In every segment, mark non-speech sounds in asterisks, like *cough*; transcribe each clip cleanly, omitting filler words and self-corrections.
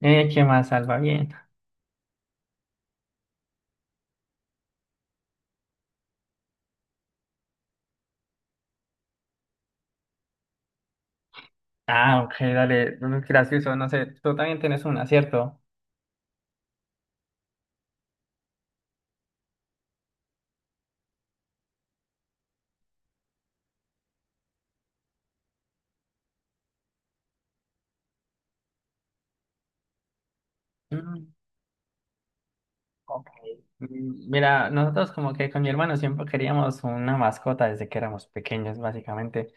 ¿Qué más Salva? Bien. Ah, ok, dale, gracioso, no sé, tú también tienes una, ¿cierto? Mm, ok. Mira, nosotros como que con mi hermano siempre queríamos una mascota desde que éramos pequeños, básicamente,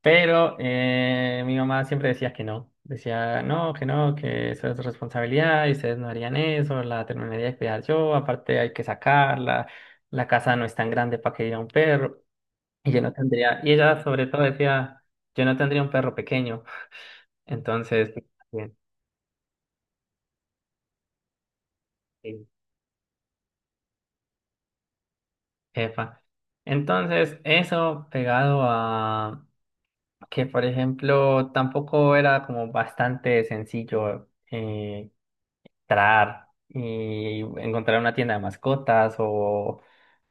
pero mi mamá siempre decía que no, decía no, que no, que eso es responsabilidad y ustedes no harían eso, la terminaría de cuidar yo, aparte hay que sacarla, la casa no es tan grande para que diga un perro, y yo no tendría, y ella sobre todo decía, yo no tendría un perro pequeño. Entonces, bien, sí, epa. Entonces, eso pegado a que, por ejemplo, tampoco era como bastante sencillo. Entrar y encontrar una tienda de mascotas o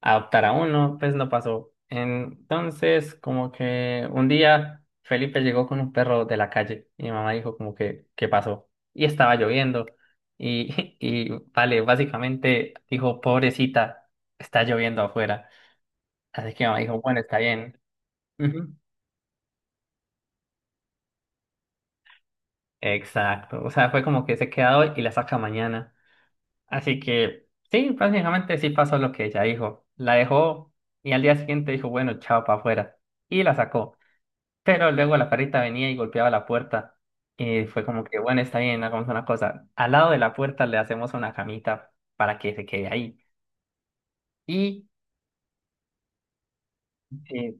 adoptar a uno, pues no pasó. Entonces, como que un día Felipe llegó con un perro de la calle y mi mamá dijo como que ¿qué pasó? Y estaba lloviendo y, *laughs* y vale, básicamente dijo, pobrecita, está lloviendo afuera. Así que mi mamá dijo, bueno, está bien. Ujú. Exacto, o sea, fue como que se queda hoy y la saca mañana. Así que sí, prácticamente sí pasó lo que ella dijo. La dejó y al día siguiente dijo, bueno, chao para afuera. Y la sacó. Pero luego la perrita venía y golpeaba la puerta. Y fue como que, bueno, está bien, hagamos una cosa. Al lado de la puerta le hacemos una camita para que se quede ahí. Y eh,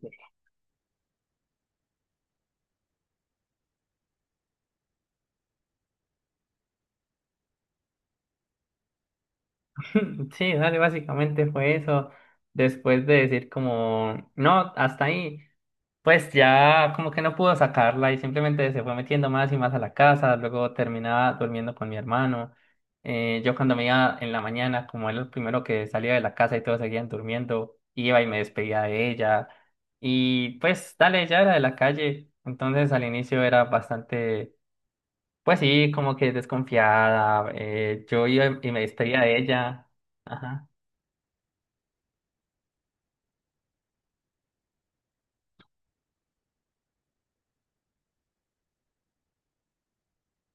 *laughs* sí, dale, básicamente fue eso. Después de decir como no, hasta ahí. Pues ya como que no pudo sacarla y simplemente se fue metiendo más y más a la casa, luego terminaba durmiendo con mi hermano. Yo cuando me iba en la mañana, como era el primero que salía de la casa y todos seguían durmiendo, iba y me despedía de ella. Y pues dale, ya era de la calle, entonces al inicio era bastante, pues sí, como que desconfiada. Yo iba y me despedía de ella. Ajá.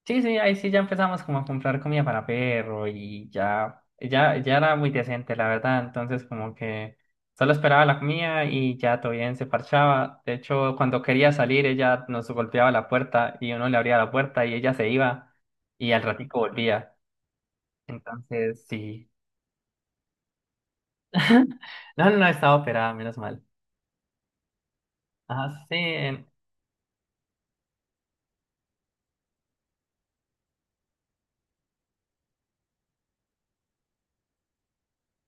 Sí, sí, ahí sí ya empezamos como a comprar comida para perro y ya, ya, ya era muy decente, la verdad. Entonces como que solo esperaba la comida y ya todo bien se parchaba. De hecho, cuando quería salir, ella nos golpeaba la puerta y uno le abría la puerta y ella se iba y al ratico volvía. Entonces, sí. *laughs* No, no, no, estaba operada, menos mal. Ajá, sí,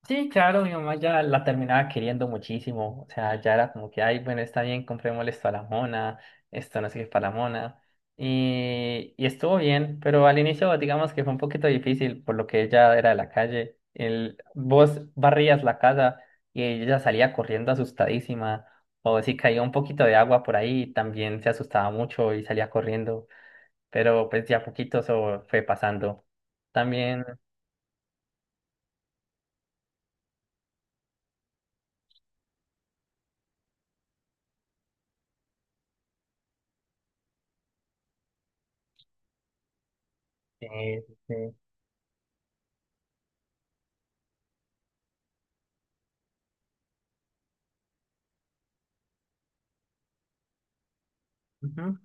sí, claro, mi mamá ya la terminaba queriendo muchísimo. O sea, ya era como que, ay, bueno, está bien, comprémosle esto a la mona, esto no sé qué para la mona. Y estuvo bien, pero al inicio, digamos que fue un poquito difícil, por lo que ella era de la calle. El, vos barrías la casa y ella salía corriendo asustadísima. O si caía un poquito de agua por ahí, también se asustaba mucho y salía corriendo. Pero pues ya poquito eso fue pasando. También. Sí. Ujú.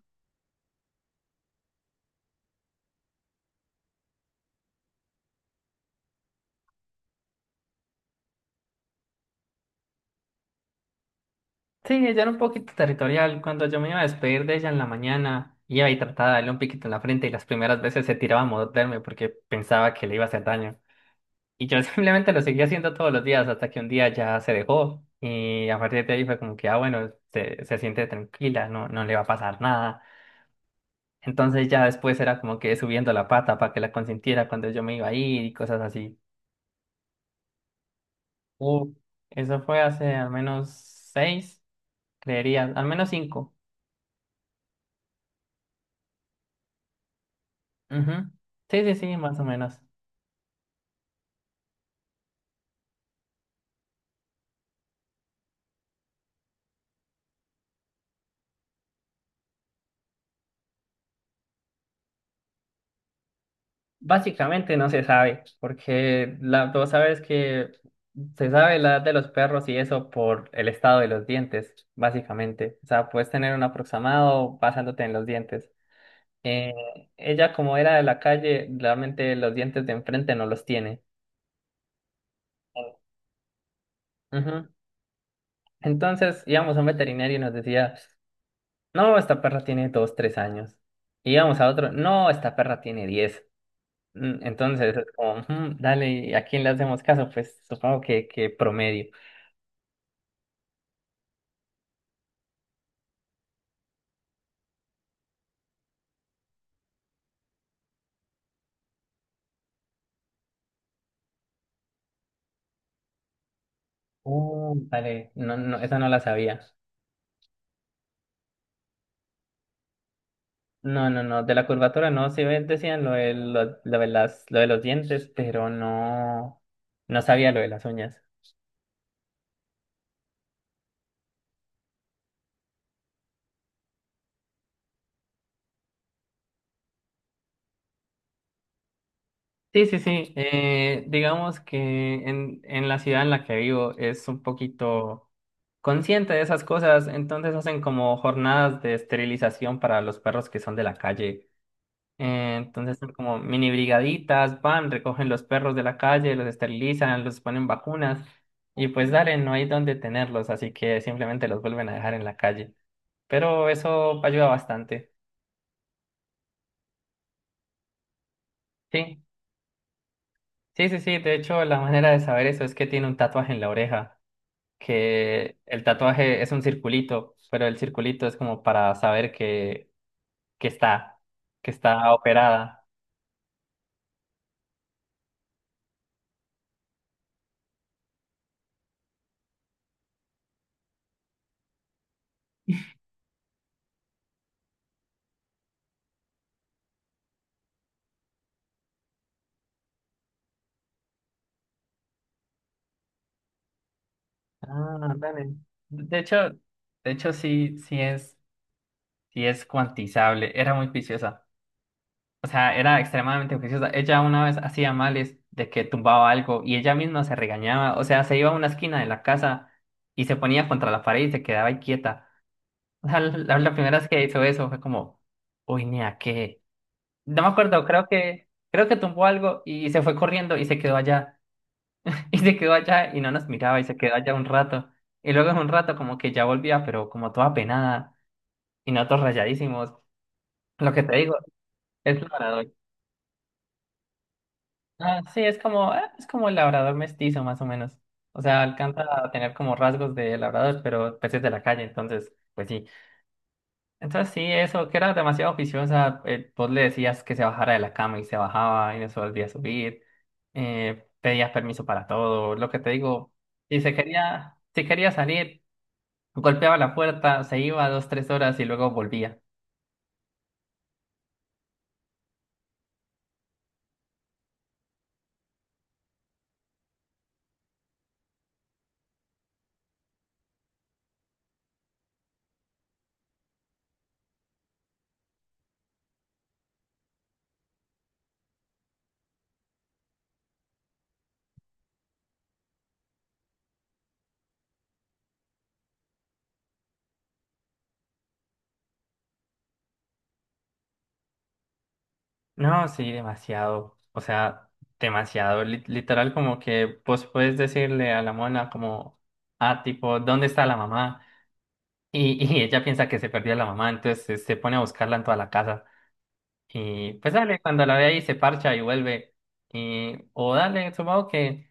Sí, ella era un poquito territorial. Cuando yo me iba a despedir de ella en la mañana, iba y trataba de darle un piquito en la frente y las primeras veces se tiraba a morderme porque pensaba que le iba a hacer daño. Y yo *laughs* simplemente lo seguía haciendo todos los días hasta que un día ya se dejó y a partir de ahí fue como que, ah, bueno, se siente tranquila, no, no le va a pasar nada. Entonces ya después era como que subiendo la pata para que la consintiera cuando yo me iba a ir y cosas así. Uh, eso fue hace al menos 6, creería, al menos 5. Ujú. Sí, sí, sí, más o menos. Básicamente no se sabe, porque la, vos sabes que se sabe la edad de los perros y eso por el estado de los dientes, básicamente. O sea, puedes tener un aproximado basándote en los dientes. Eh, Ella, como era de la calle, realmente los dientes de enfrente no los tiene. Ujú. Entonces íbamos a un veterinario y nos decía, no, esta perra tiene 2, 3 años. Y íbamos a otro, no, esta perra tiene 10. Entonces es como, "Mm, dale, ¿y a quién le hacemos caso?" Pues supongo que promedio. Dale, no, no, esa no la sabía. No, no, no, de la curvatura no, sí decían lo de, lo de lo de los dientes, pero no, no sabía lo de las uñas. Sí, sí, sí, digamos que en la ciudad en la que vivo es un poquito consciente de esas cosas, entonces hacen como jornadas de esterilización para los perros que son de la calle. Entonces son como mini brigaditas, van, recogen los perros de la calle, los esterilizan, los ponen vacunas y pues dale, no hay dónde tenerlos, así que simplemente los vuelven a dejar en la calle. Pero eso ayuda bastante. Sí, sí, sí, sí. De hecho, la manera de saber eso es que tiene un tatuaje en la oreja, que el tatuaje es un circulito, pero el circulito es como para saber que está, que está operada. Ah, dale. De hecho, de hecho sí, sí es. Sí, es cuantizable, era muy juiciosa. O sea, era extremadamente juiciosa. Ella una vez hacía males de que tumbaba algo y ella misma se regañaba. O sea, se iba a una esquina de la casa y se ponía contra la pared y se quedaba ahí quieta. O sea, la primera vez que hizo eso fue como, uy, ni a qué. No me acuerdo, creo que tumbó algo y se fue corriendo y se quedó allá. *laughs* Y se quedó allá y no nos miraba y se quedó allá un rato. Y luego en un rato como que ya volvía, pero como toda penada y nosotros rayadísimos. Lo que te digo. Es lo. Ah, sí, es como el labrador mestizo, más o menos. O sea, alcanza a tener como rasgos de labrador, pero peces de la calle, entonces, pues sí. Entonces sí, eso, que era demasiado oficiosa. Vos le decías que se bajara de la cama y se bajaba y no se volvía a subir. Pedías permiso para todo. Lo que te digo, si se quería, si quería salir, golpeaba la puerta, se iba 2, 3 horas y luego volvía. No, sí, demasiado. O sea, demasiado. Literal, como que vos puedes decirle a la mona como, ah, tipo, ¿dónde está la mamá? Y *laughs* y ella piensa que se perdió la mamá, entonces se pone a buscarla en toda la casa. Y pues dale, cuando la ve ahí se parcha y vuelve. Y, o dale, supongo que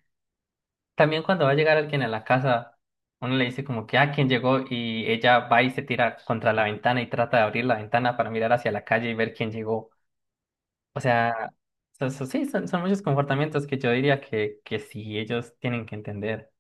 también cuando va a llegar alguien a la casa, uno le dice como que, ah, ¿quién llegó? Y ella va y se tira contra la ventana y trata de abrir la ventana para mirar hacia la calle y ver quién llegó. O sea, sí, son, son muchos comportamientos que yo diría que sí, ellos tienen que entender.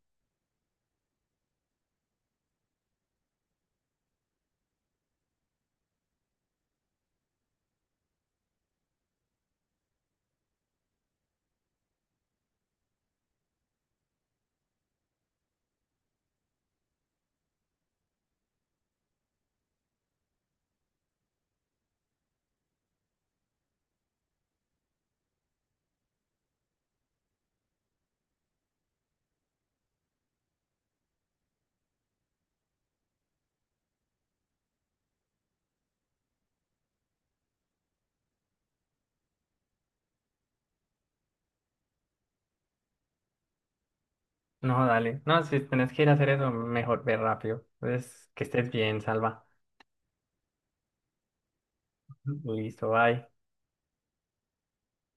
No, dale. No, si tenés que ir a hacer eso, mejor ve rápido. Entonces, que estés bien, Salva. Listo, bye.